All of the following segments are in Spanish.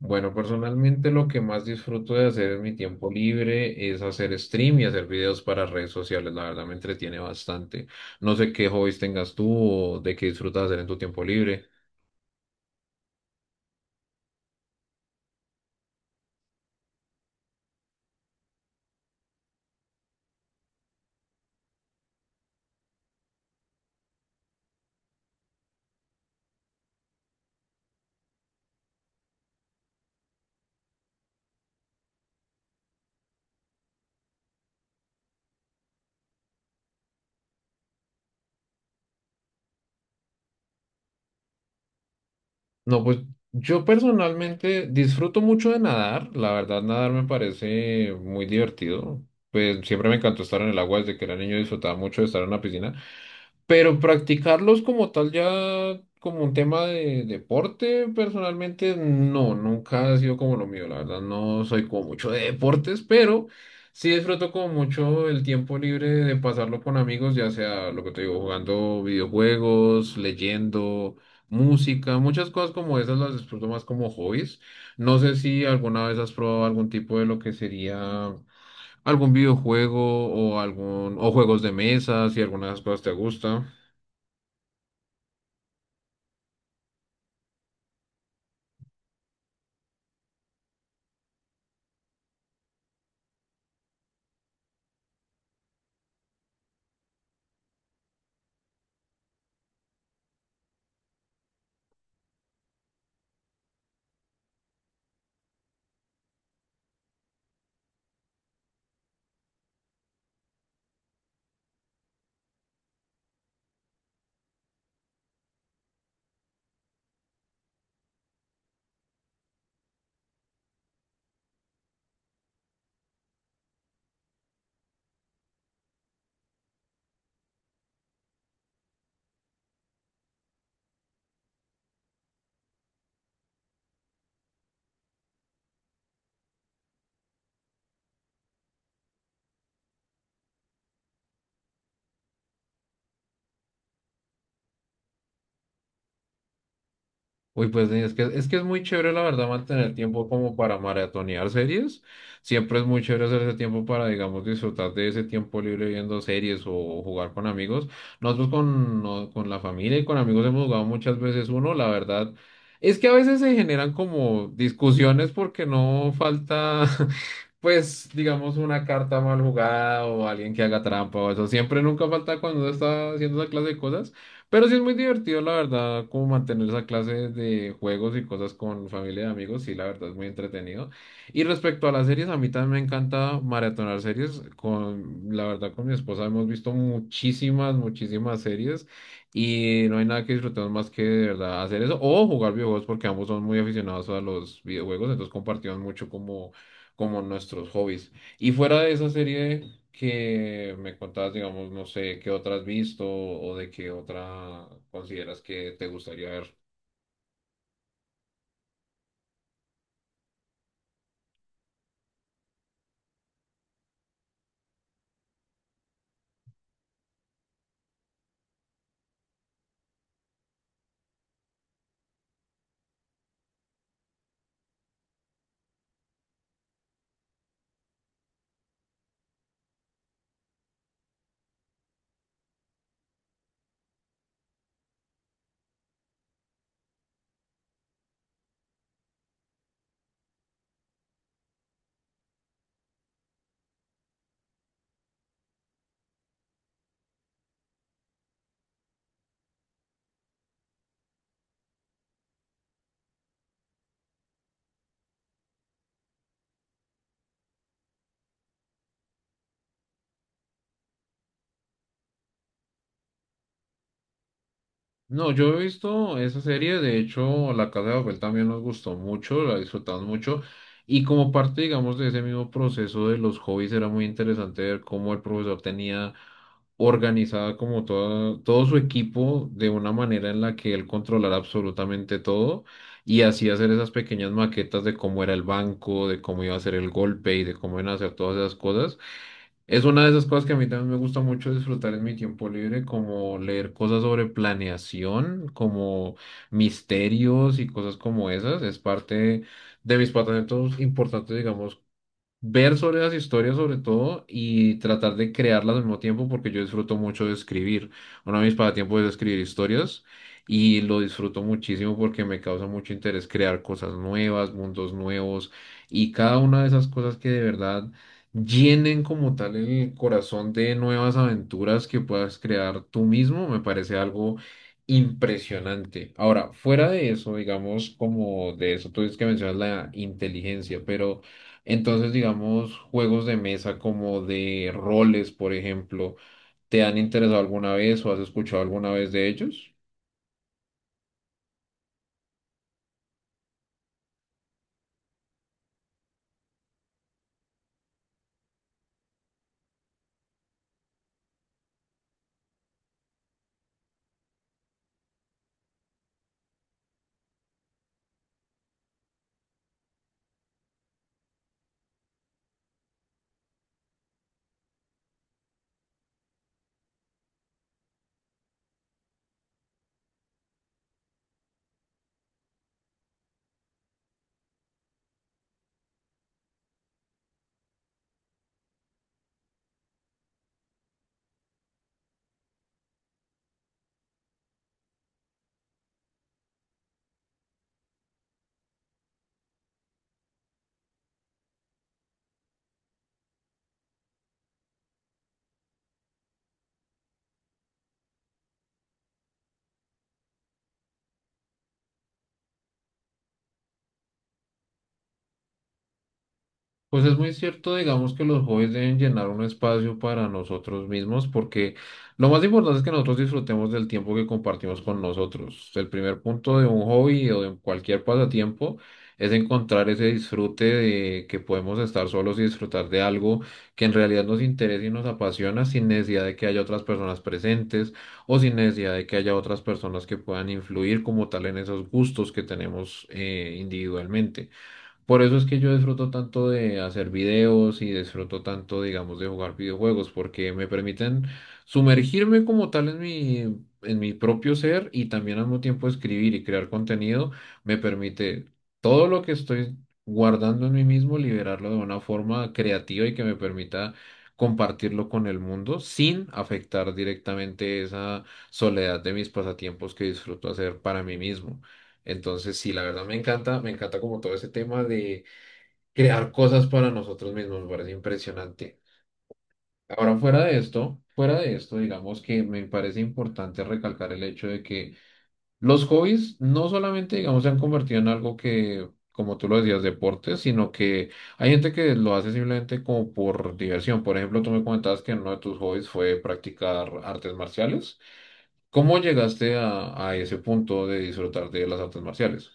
Bueno, personalmente lo que más disfruto de hacer en mi tiempo libre es hacer stream y hacer videos para redes sociales. La verdad me entretiene bastante. No sé qué hobbies tengas tú o de qué disfrutas hacer en tu tiempo libre. No, pues yo personalmente disfruto mucho de nadar. La verdad, nadar me parece muy divertido. Pues siempre me encantó estar en el agua desde que era niño, disfrutaba mucho de estar en la piscina. Pero practicarlos como tal ya como un tema de deporte, personalmente no, nunca ha sido como lo mío, la verdad no soy como mucho de deportes, pero sí disfruto como mucho el tiempo libre de pasarlo con amigos, ya sea lo que te digo, jugando videojuegos, leyendo, música, muchas cosas como esas las disfruto más como hobbies. No sé si alguna vez has probado algún tipo de lo que sería algún videojuego o algún o juegos de mesa, si alguna de esas cosas te gusta. Uy, pues es que es muy chévere, la verdad, mantener tiempo como para maratonear series. Siempre es muy chévere hacer ese tiempo para, digamos, disfrutar de ese tiempo libre viendo series o jugar con amigos. Nosotros con, no- con la familia y con amigos hemos jugado muchas veces uno, la verdad. Es que a veces se generan como discusiones porque no falta, pues, digamos, una carta mal jugada o alguien que haga trampa o eso. Siempre nunca falta cuando uno está haciendo esa clase de cosas. Pero sí es muy divertido, la verdad, como mantener esa clase de juegos y cosas con familia y amigos, sí, la verdad es muy entretenido. Y respecto a las series, a mí también me encanta maratonar series. Con, la verdad, con mi esposa hemos visto muchísimas series, y no hay nada que disfrutemos más que de verdad hacer eso o jugar videojuegos porque ambos son muy aficionados a los videojuegos, entonces compartimos mucho como nuestros hobbies. Y fuera de esa serie que me contabas, digamos, no sé, qué otra has visto o de qué otra consideras que te gustaría ver. No, yo he visto esa serie, de hecho, La Casa de Papel también nos gustó mucho, la disfrutamos mucho, y como parte, digamos, de ese mismo proceso de los hobbies, era muy interesante ver cómo el profesor tenía organizada todo su equipo de una manera en la que él controlara absolutamente todo y así hacer esas pequeñas maquetas de cómo era el banco, de cómo iba a ser el golpe y de cómo iban a hacer todas esas cosas. Es una de esas cosas que a mí también me gusta mucho disfrutar en mi tiempo libre, como leer cosas sobre planeación, como misterios y cosas como esas. Es parte de mis pasatiempos importantes, digamos, ver sobre las historias sobre todo y tratar de crearlas al mismo tiempo porque yo disfruto mucho de escribir. Uno de mis pasatiempos es escribir historias y lo disfruto muchísimo porque me causa mucho interés crear cosas nuevas, mundos nuevos y cada una de esas cosas que de verdad llenen como tal el corazón de nuevas aventuras que puedas crear tú mismo, me parece algo impresionante. Ahora, fuera de eso, digamos como de eso, tú dices que mencionas la inteligencia, pero entonces, digamos, juegos de mesa como de roles, por ejemplo, ¿te han interesado alguna vez o has escuchado alguna vez de ellos? Pues es muy cierto, digamos que los hobbies deben llenar un espacio para nosotros mismos, porque lo más importante es que nosotros disfrutemos del tiempo que compartimos con nosotros. El primer punto de un hobby o de cualquier pasatiempo es encontrar ese disfrute de que podemos estar solos y disfrutar de algo que en realidad nos interesa y nos apasiona sin necesidad de que haya otras personas presentes o sin necesidad de que haya otras personas que puedan influir como tal en esos gustos que tenemos individualmente. Por eso es que yo disfruto tanto de hacer videos y disfruto tanto, digamos, de jugar videojuegos, porque me permiten sumergirme como tal en mi propio ser y también al mismo tiempo escribir y crear contenido. Me permite todo lo que estoy guardando en mí mismo, liberarlo de una forma creativa y que me permita compartirlo con el mundo sin afectar directamente esa soledad de mis pasatiempos que disfruto hacer para mí mismo. Entonces, sí, la verdad me encanta como todo ese tema de crear cosas para nosotros mismos, me parece impresionante. Ahora, fuera de esto, digamos que me parece importante recalcar el hecho de que los hobbies no solamente, digamos, se han convertido en algo que, como tú lo decías, deporte, sino que hay gente que lo hace simplemente como por diversión. Por ejemplo, tú me comentabas que uno de tus hobbies fue practicar artes marciales. ¿Cómo llegaste a ese punto de disfrutar de las artes marciales?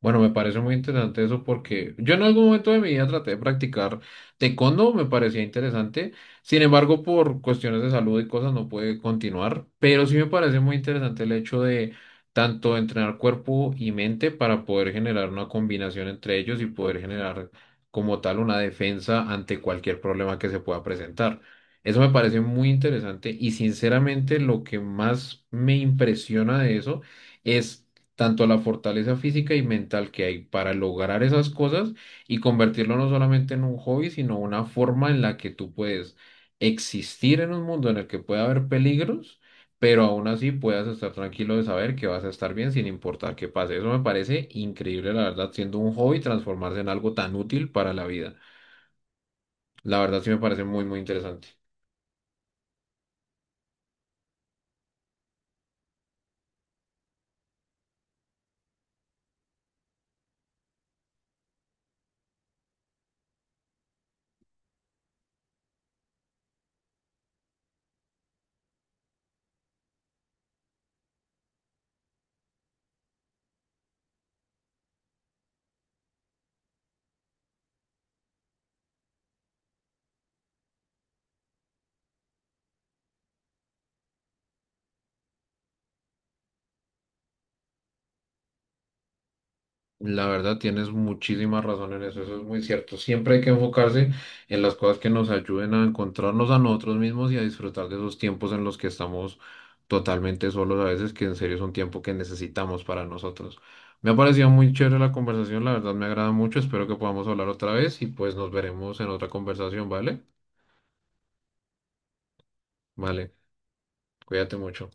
Bueno, me parece muy interesante eso porque yo en algún momento de mi vida traté de practicar taekwondo, me parecía interesante. Sin embargo, por cuestiones de salud y cosas no pude continuar, pero sí me parece muy interesante el hecho de tanto entrenar cuerpo y mente para poder generar una combinación entre ellos y poder generar como tal una defensa ante cualquier problema que se pueda presentar. Eso me parece muy interesante y sinceramente lo que más me impresiona de eso es tanto la fortaleza física y mental que hay para lograr esas cosas y convertirlo no solamente en un hobby, sino una forma en la que tú puedes existir en un mundo en el que puede haber peligros, pero aún así puedas estar tranquilo de saber que vas a estar bien sin importar qué pase. Eso me parece increíble, la verdad, siendo un hobby transformarse en algo tan útil para la vida. La verdad sí me parece muy interesante. La verdad, tienes muchísima razón en eso, eso es muy cierto. Siempre hay que enfocarse en las cosas que nos ayuden a encontrarnos a nosotros mismos y a disfrutar de esos tiempos en los que estamos totalmente solos a veces, que en serio es un tiempo que necesitamos para nosotros. Me ha parecido muy chévere la conversación, la verdad me agrada mucho, espero que podamos hablar otra vez y pues nos veremos en otra conversación, ¿vale? Vale, cuídate mucho.